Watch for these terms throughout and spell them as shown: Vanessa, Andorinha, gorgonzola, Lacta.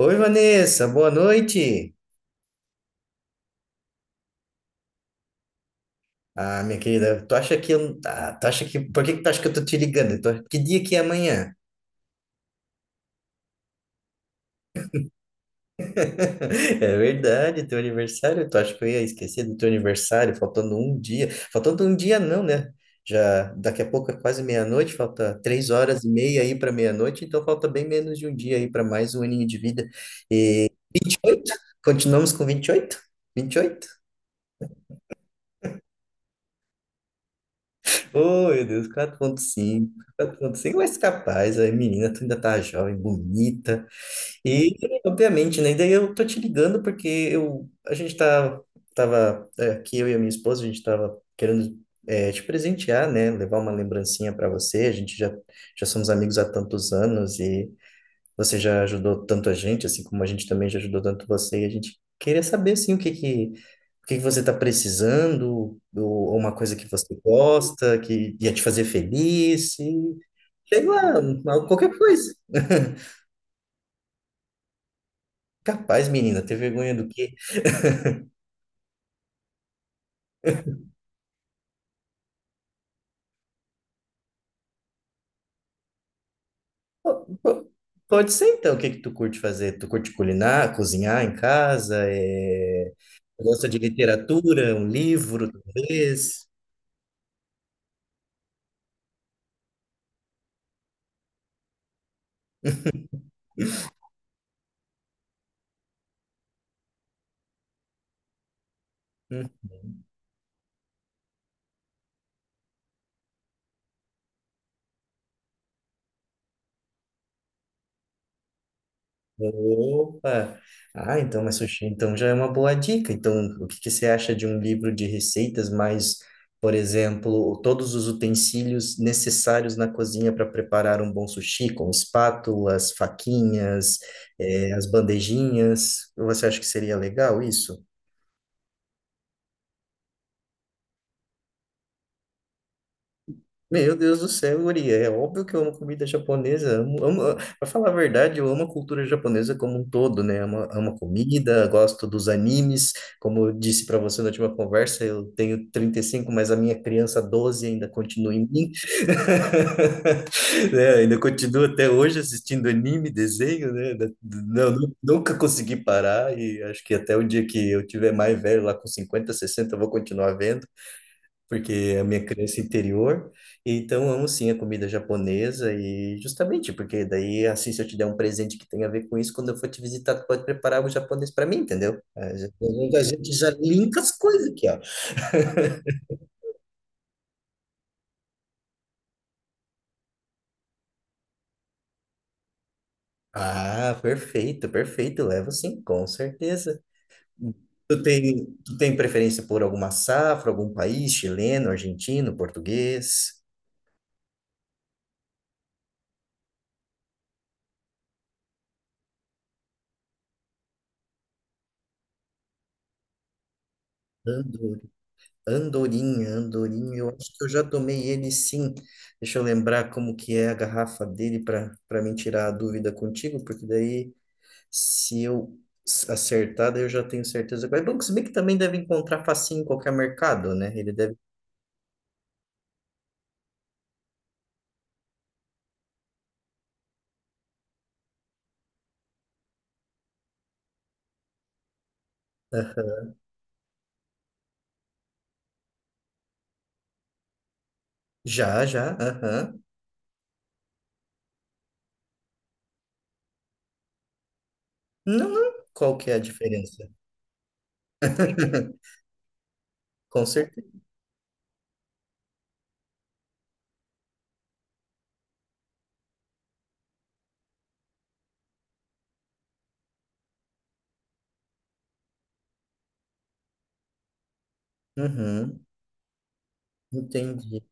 Oi, Vanessa, boa noite. Ah, minha querida, tu acha que eu, ah, tu acha que, por que que tu acha que eu tô te ligando? Que dia que é amanhã? É verdade, teu aniversário, tu acha que eu ia esquecer do teu aniversário, faltando um dia não, né? Já daqui a pouco é quase meia-noite, falta 3 horas e meia aí para meia-noite, então falta bem menos de um dia aí para mais um aninho de vida. 28? Continuamos com Vinte e oito. 28. Oh, meu Deus, quatro ponto cinco, 4.5, mas capaz, aí, menina, tu ainda tá jovem, bonita, e obviamente, né, e daí eu tô te ligando porque eu, a gente tá, tava, aqui, eu e a minha esposa, a gente tava querendo te presentear, né, levar uma lembrancinha para você, já somos amigos há tantos anos e você já ajudou tanto a gente, assim como a gente também já ajudou tanto você, e a gente queria saber, assim, o que que você está precisando, ou uma coisa que você gosta, que ia te fazer feliz, e sei lá, qualquer coisa. Capaz, menina, ter vergonha do quê? Po- po- Pode ser, então, o que que tu curte fazer? Tu curte culinar, cozinhar em casa, gosta de literatura, um livro, talvez? Opa! Ah, então, mas sushi, então já é uma boa dica. Então, o que que você acha de um livro de receitas mais, por exemplo, todos os utensílios necessários na cozinha para preparar um bom sushi, com espátulas, faquinhas, as bandejinhas? Você acha que seria legal isso? Meu Deus do céu, Uri, é óbvio que eu amo comida japonesa. Amo, amo, ah, pra falar a verdade, eu amo a cultura japonesa como um todo, né? Amo, amo a comida, gosto dos animes. Como eu disse para você na última conversa, eu tenho 35, mas a minha criança 12 ainda continua em mim, né? Ainda continua até hoje assistindo anime, desenho, né? Não, nunca consegui parar e acho que até o dia que eu tiver mais velho, lá com 50, 60, eu vou continuar vendo porque é a minha crença interior. Então, amo sim a comida japonesa e justamente porque daí, assim, se eu te der um presente que tenha a ver com isso, quando eu for te visitar, tu pode preparar algo japonês para mim, entendeu? A gente já linka as coisas aqui, ó. Ah, perfeito, perfeito. Levo sim, com certeza. Tu tem preferência por alguma safra, algum país, chileno, argentino, português? Andorinha, Andorinha, eu acho que eu já tomei ele sim. Deixa eu lembrar como que é a garrafa dele para me tirar a dúvida contigo, porque daí se eu acertar, daí eu já tenho certeza. Mas é bom, que se bem que também deve encontrar facinho em qualquer mercado, né? Ele deve. Aham. Já, já, aham. Não, não. Qual que é a diferença? Com certeza. Uhum. Entendi.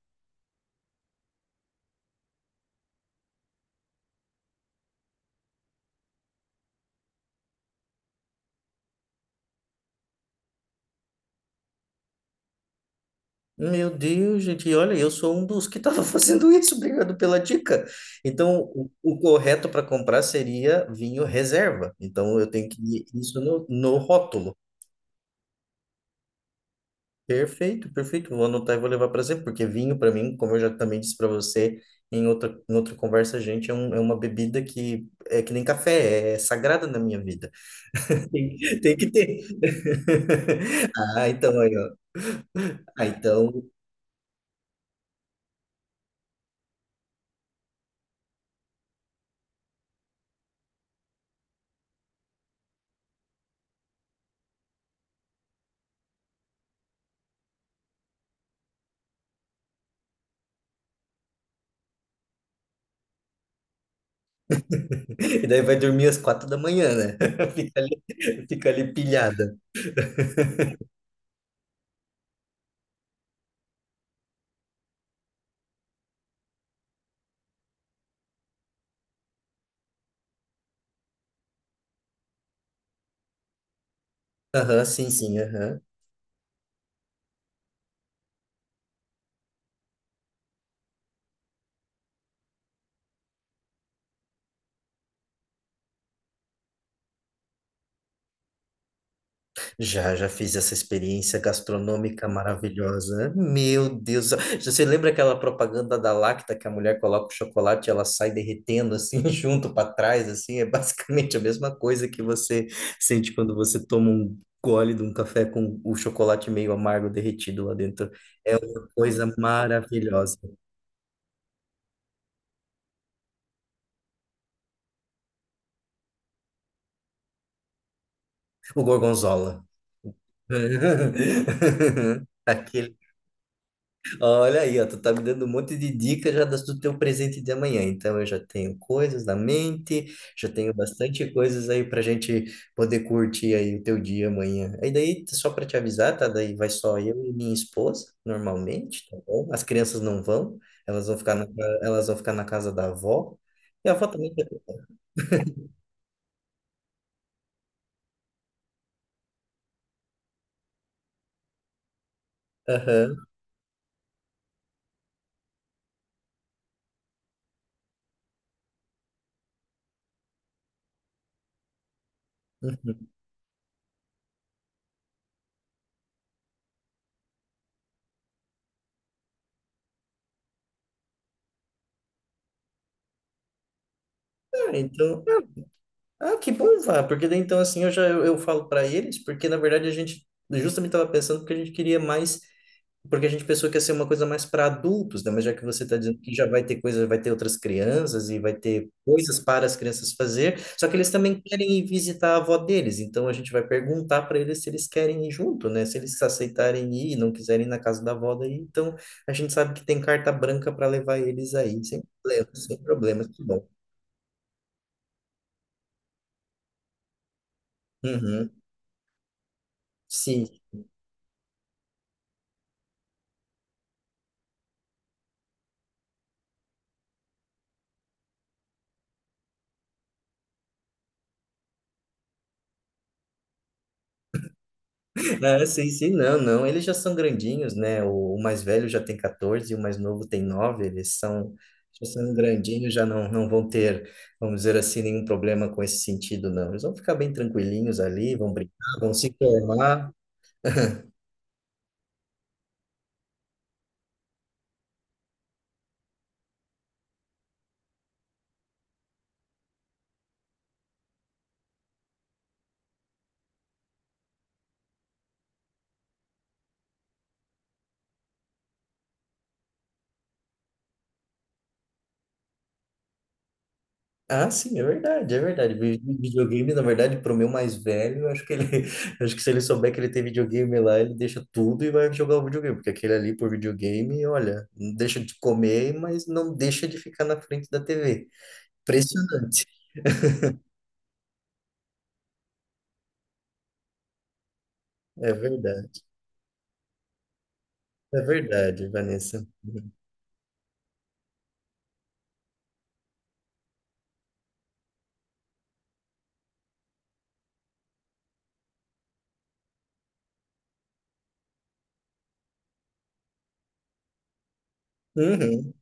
Meu Deus, gente, e olha, eu sou um dos que estava fazendo isso, obrigado pela dica. Então, o correto para comprar seria vinho reserva. Então, eu tenho que ir isso no rótulo. Perfeito, perfeito. Vou anotar e vou levar para sempre, porque vinho, para mim, como eu já também disse para você em outra conversa, gente, é uma bebida que é que nem café, é sagrada na minha vida. Tem, tem que ter. Ah, então aí, ó. Ah, então. E daí vai dormir às 4 da manhã, né? Fica ali, fica ali pilhada. Aham, sim, sim, aham. Já, já fiz essa experiência gastronômica maravilhosa. Meu Deus do céu. Você lembra aquela propaganda da Lacta que a mulher coloca o chocolate e ela sai derretendo assim, junto para trás, assim? É basicamente a mesma coisa que você sente quando você toma um gole de um café com o chocolate meio amargo derretido lá dentro. Coisa maravilhosa. O gorgonzola. Aquele. Olha aí, ó, tu tá me dando um monte de dicas já do teu presente de amanhã. Então eu já tenho coisas na mente, já tenho bastante coisas aí pra gente poder curtir aí o teu dia amanhã. Aí daí, só pra te avisar, tá? Daí vai só eu e minha esposa, normalmente, tá bom? As crianças não vão, elas vão ficar na casa da avó. E a avó também. Aham. Uhum. Ah, então, que bom, vá, porque daí então assim eu falo para eles, porque na verdade a gente justamente estava pensando que a gente queria mais. Porque a gente pensou que ia ser uma coisa mais para adultos, né? Mas já que você está dizendo que já vai ter coisas, vai ter outras crianças e vai ter coisas para as crianças fazer, só que eles também querem ir visitar a avó deles, então a gente vai perguntar para eles se eles querem ir junto, né? Se eles aceitarem ir e não quiserem ir na casa da avó daí, então a gente sabe que tem carta branca para levar eles aí, sem problema, sem problema, que bom. Uhum, sim. É, sim, sim, não, não. Eles já são grandinhos, né? O mais velho já tem 14 e o mais novo tem 9. Eles são, já são grandinhos, já não, não vão ter, vamos dizer assim, nenhum problema com esse sentido, não. Eles vão ficar bem tranquilinhos ali, vão brincar, vão se formar. Ah, sim, é verdade, é verdade. Videogame, na verdade, para o meu mais velho, eu acho que ele, acho que se ele souber que ele tem videogame lá, ele deixa tudo e vai jogar o videogame, porque aquele ali por videogame, olha, não deixa de comer, mas não deixa de ficar na frente da TV. Impressionante. É verdade. É verdade, Vanessa. Uhum.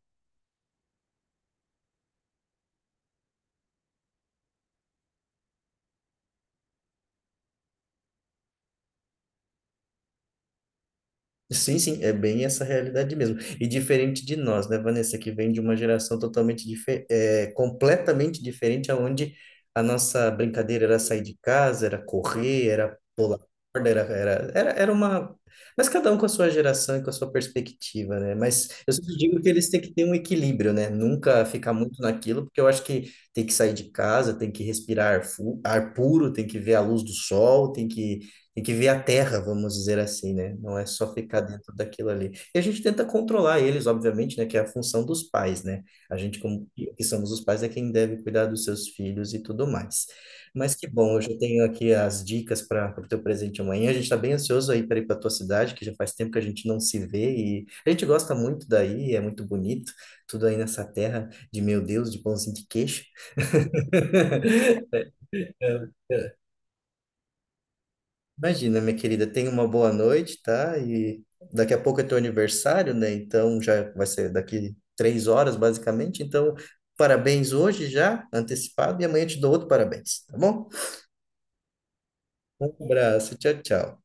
Sim, sim, é bem essa realidade mesmo. E diferente de nós, né, Vanessa, que vem de uma geração totalmente completamente diferente, aonde a nossa brincadeira era sair de casa, era correr, era pular corda, era uma. Mas cada um com a sua geração e com a sua perspectiva, né? Mas eu sempre digo que eles têm que ter um equilíbrio, né? Nunca ficar muito naquilo, porque eu acho que tem que sair de casa, tem que respirar ar, ar puro, tem que ver a luz do sol, tem que ver a terra, vamos dizer assim, né? Não é só ficar dentro daquilo ali. E a gente tenta controlar eles, obviamente, né? Que é a função dos pais, né? A gente, como que somos os pais, é quem deve cuidar dos seus filhos e tudo mais. Mas que bom, eu já tenho aqui as dicas para o teu presente amanhã. A gente está bem ansioso aí para ir para tua cidade, que já faz tempo que a gente não se vê e a gente gosta muito daí, é muito bonito, tudo aí nessa terra de meu Deus, de pãozinho de queijo. Imagina, minha querida, tenha uma boa noite, tá? E daqui a pouco é teu aniversário, né? Então já vai ser daqui 3 horas, basicamente. Então, parabéns hoje já, antecipado, e amanhã eu te dou outro parabéns, tá bom? Um abraço, tchau, tchau.